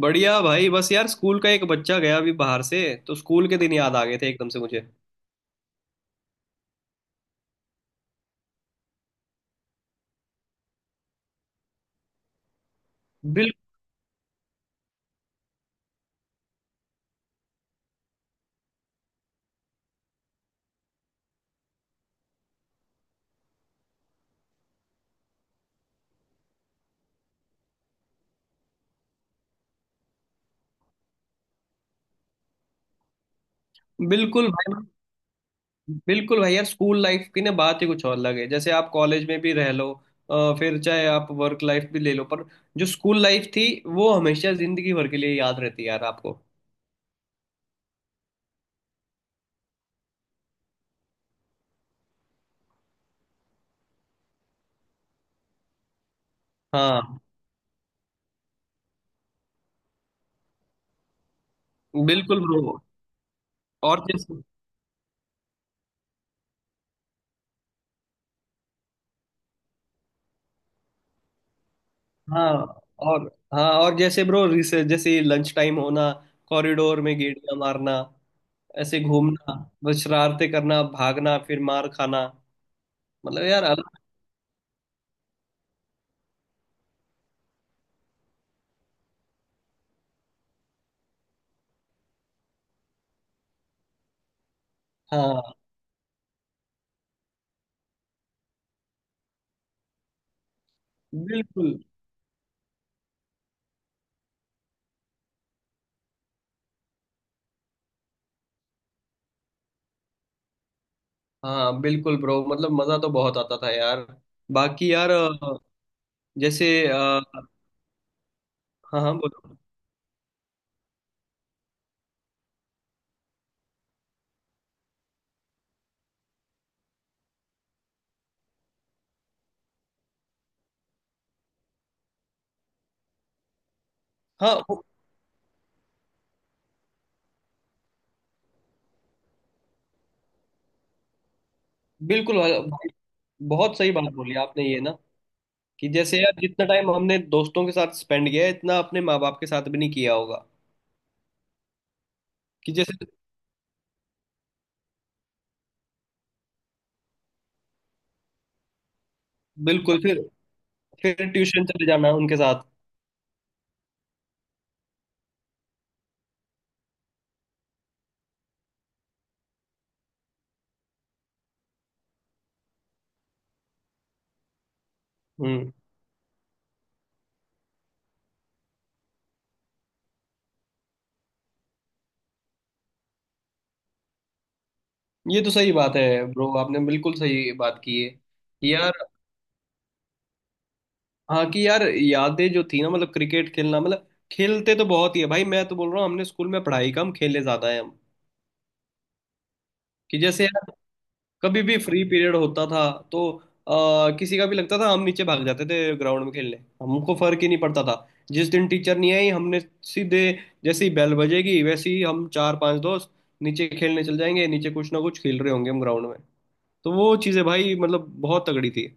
बढ़िया भाई, बस यार स्कूल का एक बच्चा गया अभी बाहर से तो स्कूल के दिन याद आ गए थे एकदम से मुझे। बिल बिल्कुल भाई। बिल्कुल भाई यार, स्कूल लाइफ की ना बात ही कुछ और अलग है। जैसे आप कॉलेज में भी रह लो, फिर चाहे आप वर्क लाइफ भी ले लो, पर जो स्कूल लाइफ थी वो हमेशा जिंदगी भर के लिए याद रहती है यार आपको। हाँ, बिल्कुल ब्रो। और जैसे, हाँ। और हाँ, और जैसे ब्रो, जैसे लंच टाइम होना, कॉरिडोर में गेड़िया मारना, ऐसे घूमना, बस शरारते करना, भागना, फिर मार खाना। मतलब यार अलग। हाँ। बिल्कुल। हाँ, बिल्कुल ब्रो, मतलब मजा तो बहुत आता था यार। बाकी यार, जैसे हाँ हाँ, बोलो। हाँ, वो- बिल्कुल भाई, बहुत सही बात बोली आपने ये ना, कि जैसे यार जितना टाइम हमने दोस्तों के साथ स्पेंड किया है इतना अपने माँ बाप के साथ भी नहीं किया होगा। कि जैसे बिल्कुल, फिर ट्यूशन चले जाना उनके साथ। हम्म। ये तो सही बात है ब्रो, आपने बिल्कुल सही बात की है यार। हाँ, कि यार यादें जो थी ना, मतलब क्रिकेट खेलना, मतलब खेलते तो बहुत ही है भाई, मैं तो बोल रहा हूँ हमने स्कूल में पढ़ाई कम खेले ज्यादा है हम। कि जैसे यार कभी भी फ्री पीरियड होता था तो किसी का भी लगता था, हम नीचे भाग जाते थे ग्राउंड में खेलने। हमको फर्क ही नहीं पड़ता था। जिस दिन टीचर नहीं आई, हमने सीधे, जैसे ही बेल बजेगी वैसे ही हम 4 5 दोस्त नीचे खेलने चल जाएंगे, नीचे कुछ ना कुछ खेल रहे होंगे हम ग्राउंड में। तो वो चीज़ें भाई मतलब बहुत तगड़ी थी।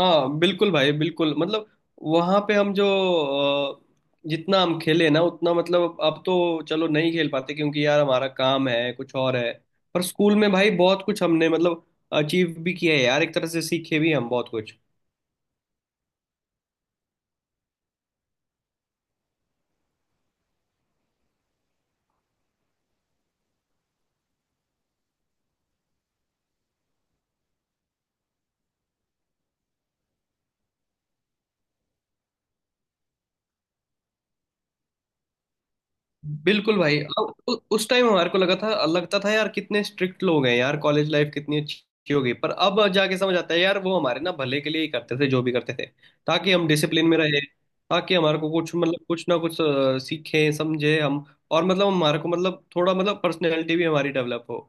हाँ बिल्कुल भाई, बिल्कुल मतलब वहां पे हम जो जितना हम खेले ना उतना, मतलब अब तो चलो नहीं खेल पाते क्योंकि यार हमारा काम है कुछ और है, पर स्कूल में भाई बहुत कुछ हमने मतलब अचीव भी किया है यार, एक तरह से सीखे भी हम बहुत कुछ। बिल्कुल भाई। अब उस टाइम हमारे को लगा था, लगता था यार कितने स्ट्रिक्ट लोग हैं यार, कॉलेज लाइफ कितनी अच्छी हो गई, पर अब जाके समझ आता है यार वो हमारे ना भले के लिए ही करते थे जो भी करते थे। ताकि हम डिसिप्लिन में रहे, ताकि हमारे को कुछ, मतलब कुछ ना कुछ सीखें, समझे हम। और मतलब हमारे को, मतलब थोड़ा मतलब पर्सनैलिटी भी हमारी डेवलप हो।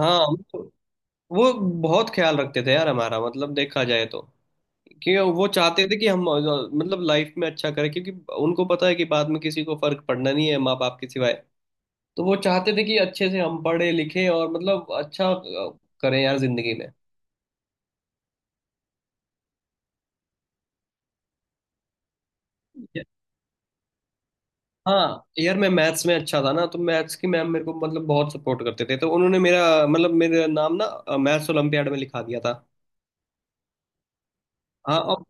हाँ। वो वो बहुत ख्याल रखते थे यार हमारा, मतलब देखा जाए तो। क्योंकि वो चाहते थे कि हम मतलब लाइफ में अच्छा करें, क्योंकि उनको पता है कि बाद में किसी को फर्क पड़ना नहीं है माँ बाप के सिवाय। तो वो चाहते थे कि अच्छे से हम पढ़े लिखे और मतलब अच्छा करें यार जिंदगी में। हाँ। यार मैं मैथ्स में अच्छा था ना, तो मैथ्स की मैम मेरे को मतलब बहुत सपोर्ट करते थे, तो उन्होंने मेरा मतलब मेरा नाम ना मैथ्स ओलंपियाड में लिखा दिया था। हाँ, और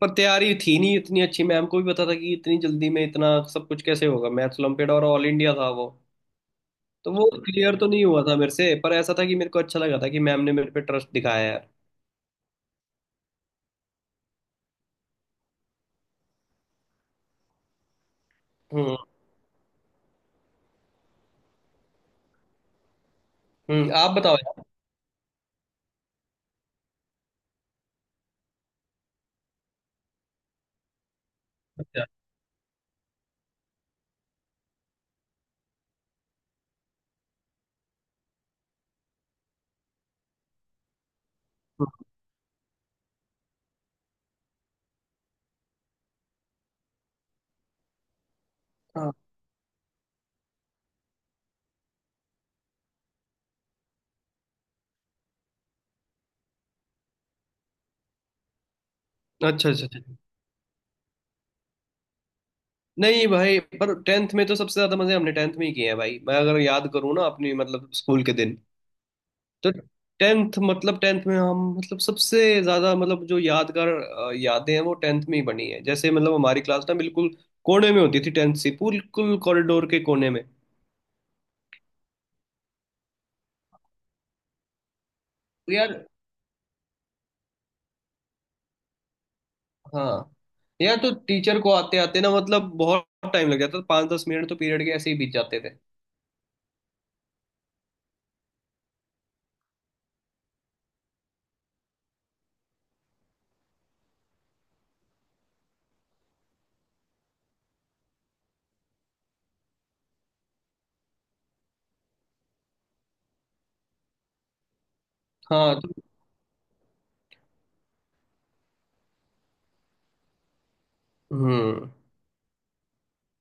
पर तैयारी थी नहीं इतनी अच्छी, मैम को भी पता था कि इतनी जल्दी में इतना सब कुछ कैसे होगा, मैथ्स ओलंपियाड और ऑल इंडिया था वो। तो वो क्लियर तो नहीं हुआ था मेरे से, पर ऐसा था कि मेरे को अच्छा लगा था कि मैम ने मेरे पे ट्रस्ट दिखाया यार। हम्म। हम्म, आप बताओ यार। अच्छा। हम्म, हाँ। अच्छा अच्छा अच्छा। नहीं भाई, पर टेंथ में तो सबसे ज्यादा मजे हमने टेंथ में ही किए हैं भाई, मैं अगर याद करूँ ना अपनी मतलब स्कूल के दिन, तो टेंथ, मतलब टेंथ में हम मतलब सबसे ज्यादा, मतलब जो यादगार यादें हैं वो टेंथ में ही बनी है। जैसे मतलब हमारी क्लास ना बिल्कुल कोने में होती थी टेंथ से, बिल्कुल कॉरिडोर के कोने में। तो यार, हाँ यार तो टीचर को आते आते ना मतलब बहुत टाइम लग जाता था, 5 10 मिनट तो पीरियड के ऐसे ही बीत जाते थे। हाँ तो, हम्म।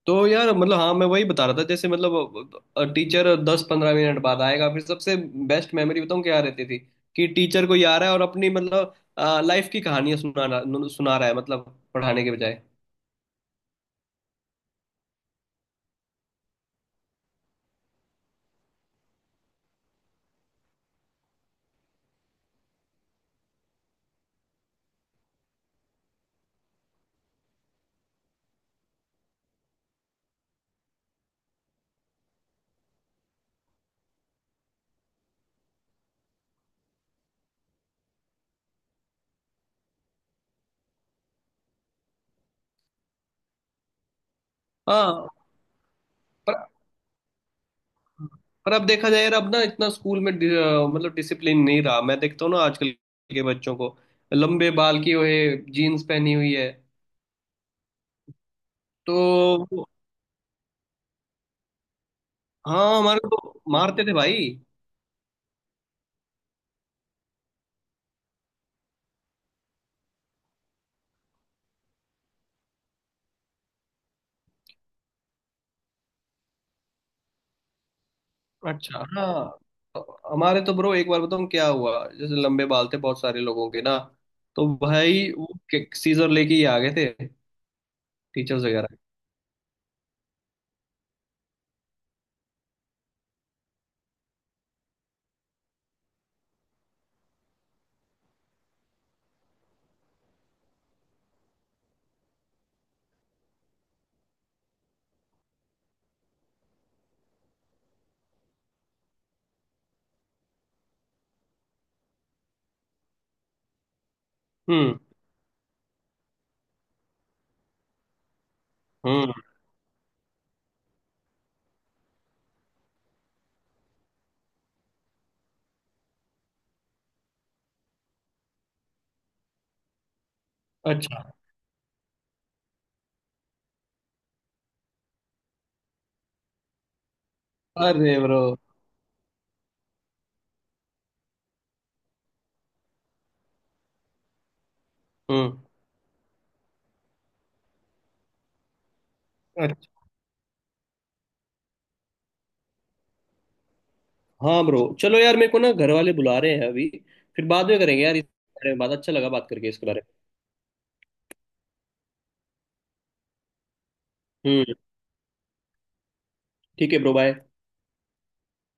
तो यार मतलब हाँ, मैं वही बता रहा था, जैसे मतलब टीचर 10 15 मिनट बाद आएगा, फिर सबसे बेस्ट मेमोरी बताऊँ क्या रहती थी कि टीचर कोई आ रहा है और अपनी मतलब लाइफ की कहानियां सुना रहा है, मतलब पढ़ाने के बजाय। हाँ। पर पर अब देखा जाए यार, अब ना इतना स्कूल में मतलब डिसिप्लिन नहीं रहा, मैं देखता हूँ ना आजकल के बच्चों को। लंबे बाल की हुए, जीन्स पहनी हुई है। तो हाँ, हमारे को मारते थे भाई। अच्छा, हाँ। हमारे तो ब्रो एक बार बताऊँ क्या हुआ, जैसे लंबे बाल थे बहुत सारे लोगों के ना, तो भाई वो सीजर लेके ही आ गए थे टीचर्स वगैरह। हम्म। हम्म। अच्छा। अरे ब्रो। हम्म। अच्छा, हाँ ब्रो चलो यार, मेरे को ना घर वाले बुला रहे हैं अभी, फिर बाद में करेंगे यार इस बारे में बात। अच्छा लगा बात करके इसके बारे में। हम्म। ठीक है ब्रो, बाय।